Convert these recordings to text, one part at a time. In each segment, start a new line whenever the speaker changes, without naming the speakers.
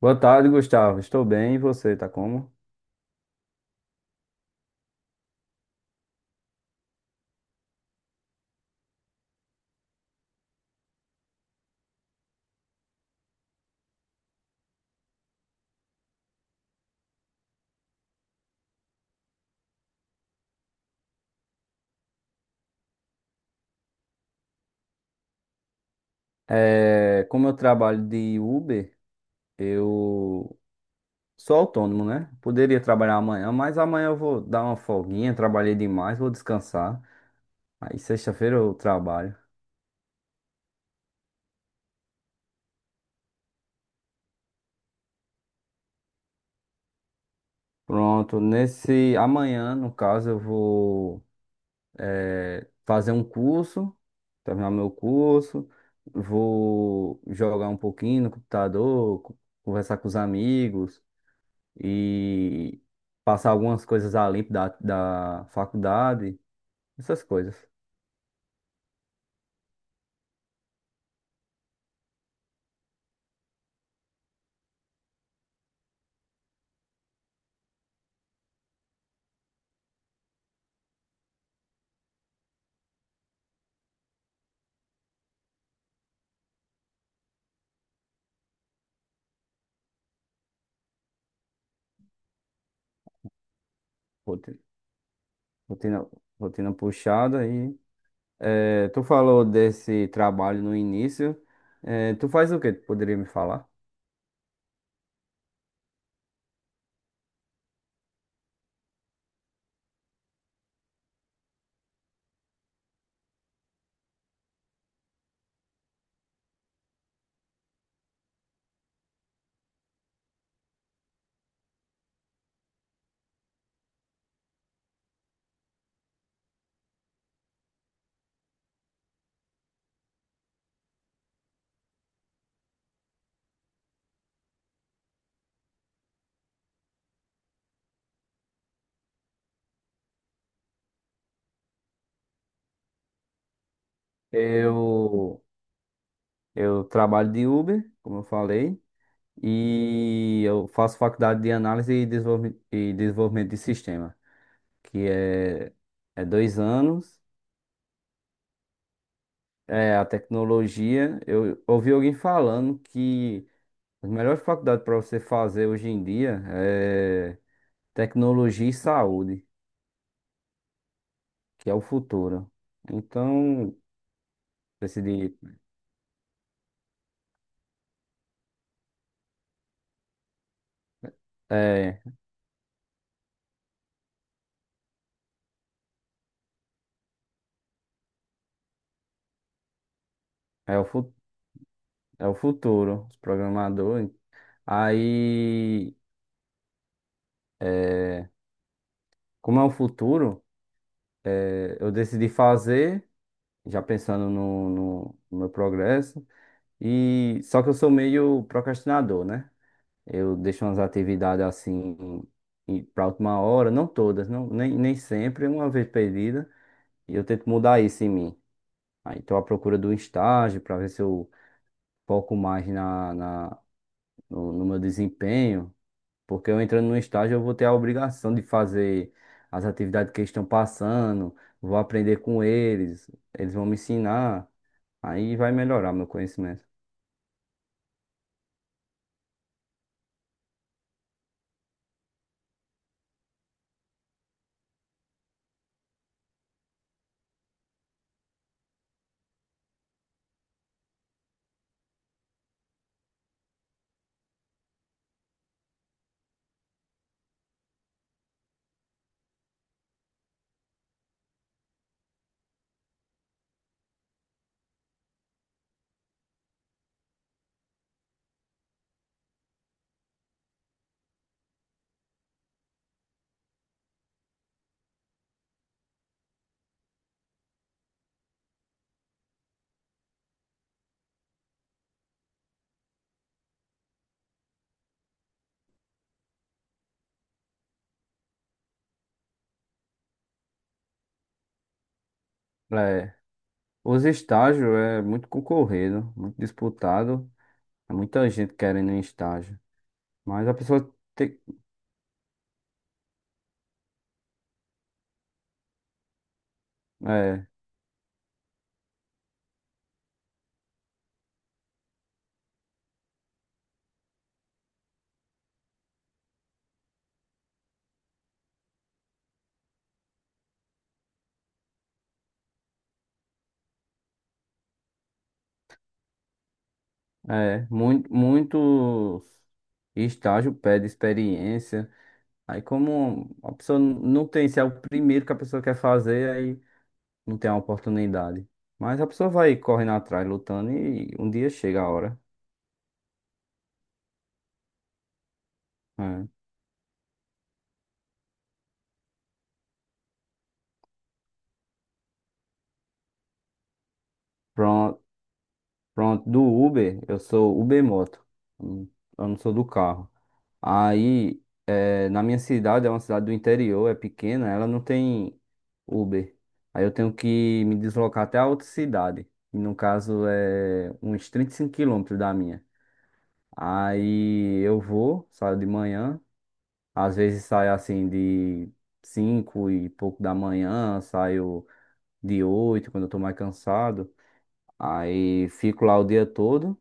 Boa tarde, Gustavo. Estou bem, e você, tá como? É, como eu trabalho de Uber, eu sou autônomo, né? Poderia trabalhar amanhã, mas amanhã eu vou dar uma folguinha, trabalhei demais, vou descansar. Aí sexta-feira eu trabalho. Pronto, nesse amanhã, no caso, eu vou fazer um curso, terminar meu curso, vou jogar um pouquinho no computador, conversar com os amigos. E passar algumas coisas a limpo da faculdade, essas coisas. Rotina, rotina, rotina puxada. E tu falou desse trabalho no início. Tu faz o que? Tu poderia me falar? Eu eu trabalho de Uber, como eu falei, e eu faço faculdade de análise e desenvolvimento de sistema, que é 2 anos. É, a tecnologia, eu ouvi alguém falando que as melhores faculdades para você fazer hoje em dia é tecnologia e saúde, que é o futuro. Então, decidi, é, é o, fu- é o futuro, os programadores. Aí, é, como é o futuro, eu decidi fazer, já pensando no meu progresso, e só que eu sou meio procrastinador, né? Eu deixo umas atividades assim para última hora, não todas, não, nem sempre, uma vez perdida, e eu tento mudar isso em mim. Aí estou à procura do estágio para ver se eu foco mais na, na, no, no meu desempenho, porque eu entrando no estágio eu vou ter a obrigação de fazer as atividades que eles estão passando, vou aprender com eles, eles vão me ensinar, aí vai melhorar meu conhecimento. É, os estágios é muito concorrido, muito disputado. É muita gente querendo um estágio. Mas a pessoa tem. É, é. Muito, muitos estágio pede experiência. Aí, como a pessoa não tem, se é o primeiro que a pessoa quer fazer, aí não tem a oportunidade. Mas a pessoa vai correndo atrás, lutando, e um dia chega a hora. É. Pronto, pronto. Do Uber, eu sou Uber Moto. Eu não eu não sou do carro. Aí. É, Na minha cidade, é uma cidade do interior, é pequena, ela não tem Uber. Aí eu tenho que me deslocar até a outra cidade. E no caso é uns 35 quilômetros da minha. Aí eu vou, saio de manhã. Às vezes saio assim de 5 e pouco da manhã, saio de 8 quando eu tô mais cansado. Aí fico lá o dia todo.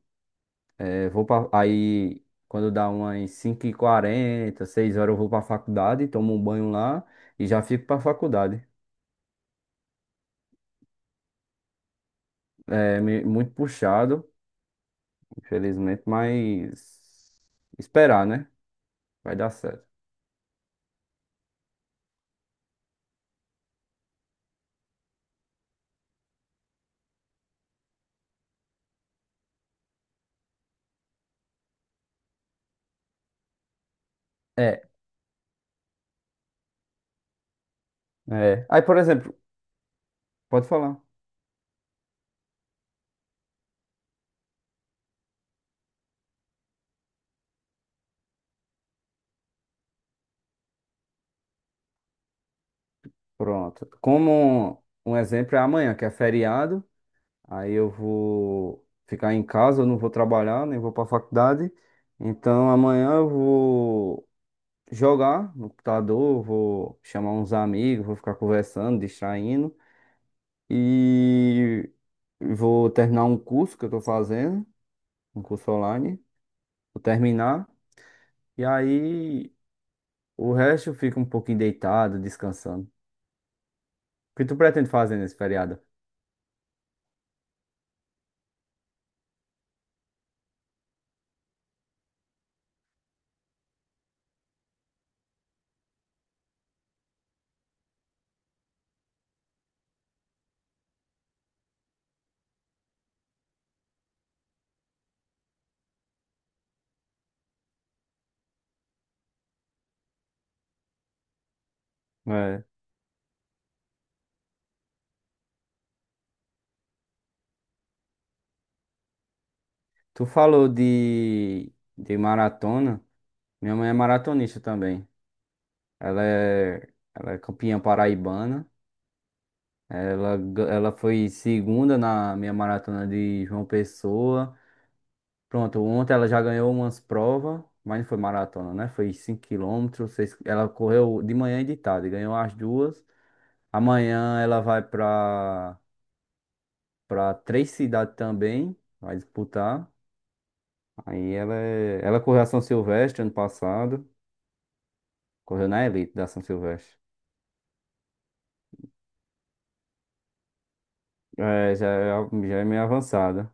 Eu vou pra, aí, quando dá umas cinco e quarenta seis horas, eu vou pra faculdade, tomo um banho lá e já fico pra faculdade. É me- muito puxado, infelizmente, mas esperar, né? Vai dar certo. É, é. Aí, por exemplo, pode falar. Pronto. Como um exemplo é amanhã, que é feriado, aí eu vou ficar em casa, eu não vou trabalhar, nem vou pra faculdade. Então, amanhã eu vou jogar no computador, vou chamar uns amigos, vou ficar conversando, distraindo e vou terminar um curso que eu tô fazendo, um curso online, vou terminar e aí o resto eu fico um pouquinho deitado, descansando. O que tu pretende fazer nesse feriado? É. Tu falou de maratona. Minha mãe é maratonista também. Ela é, ela é campeã paraibana. Ela foi segunda na minha maratona de João Pessoa. Pronto, ontem ela já ganhou umas provas, mas não foi maratona, né? Foi 5 quilômetros, seis ela correu de manhã e de tarde, ganhou as duas. Amanhã ela vai para três cidades também, vai disputar. Aí ela correu a São Silvestre ano passado, correu na elite da São Silvestre. É, já é, já é meio avançada.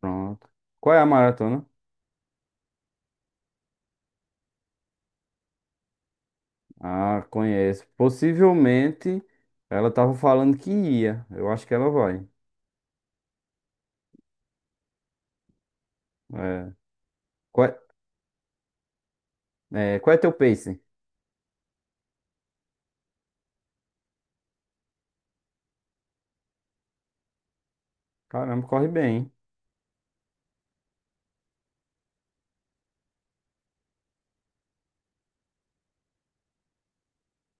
Pronto. Qual é a maratona? Ah, conheço. Possivelmente ela tava falando que ia. Eu acho que ela vai. É. Qual qual é teu pace? Caramba, corre bem, hein?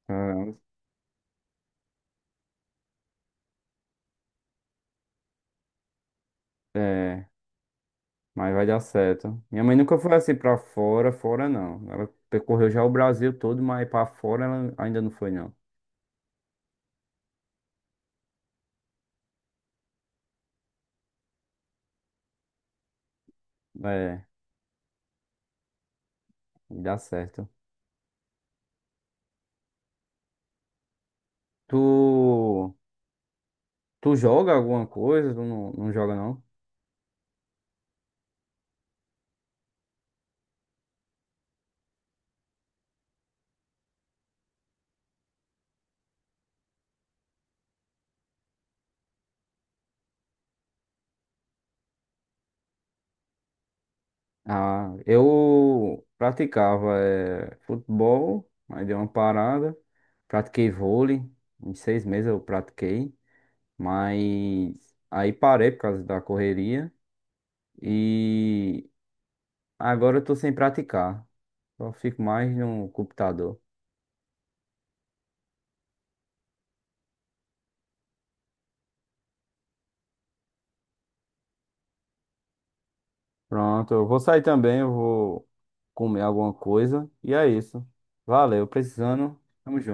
Caramba. É, mas vai dar certo. Minha mãe nunca foi assim pra fora, fora não. Ela percorreu já o Brasil todo, mas pra fora ela ainda não foi não. É, dá certo. Tu, tu joga alguma coisa? Tu não, não joga não? Ah, eu praticava futebol, mas dei uma parada. Pratiquei vôlei, em 6 meses eu pratiquei, mas aí parei por causa da correria e agora eu tô sem praticar. Só fico mais no computador. Pronto, eu vou sair também, eu vou comer alguma coisa e é isso. Valeu, precisando. Tamo junto.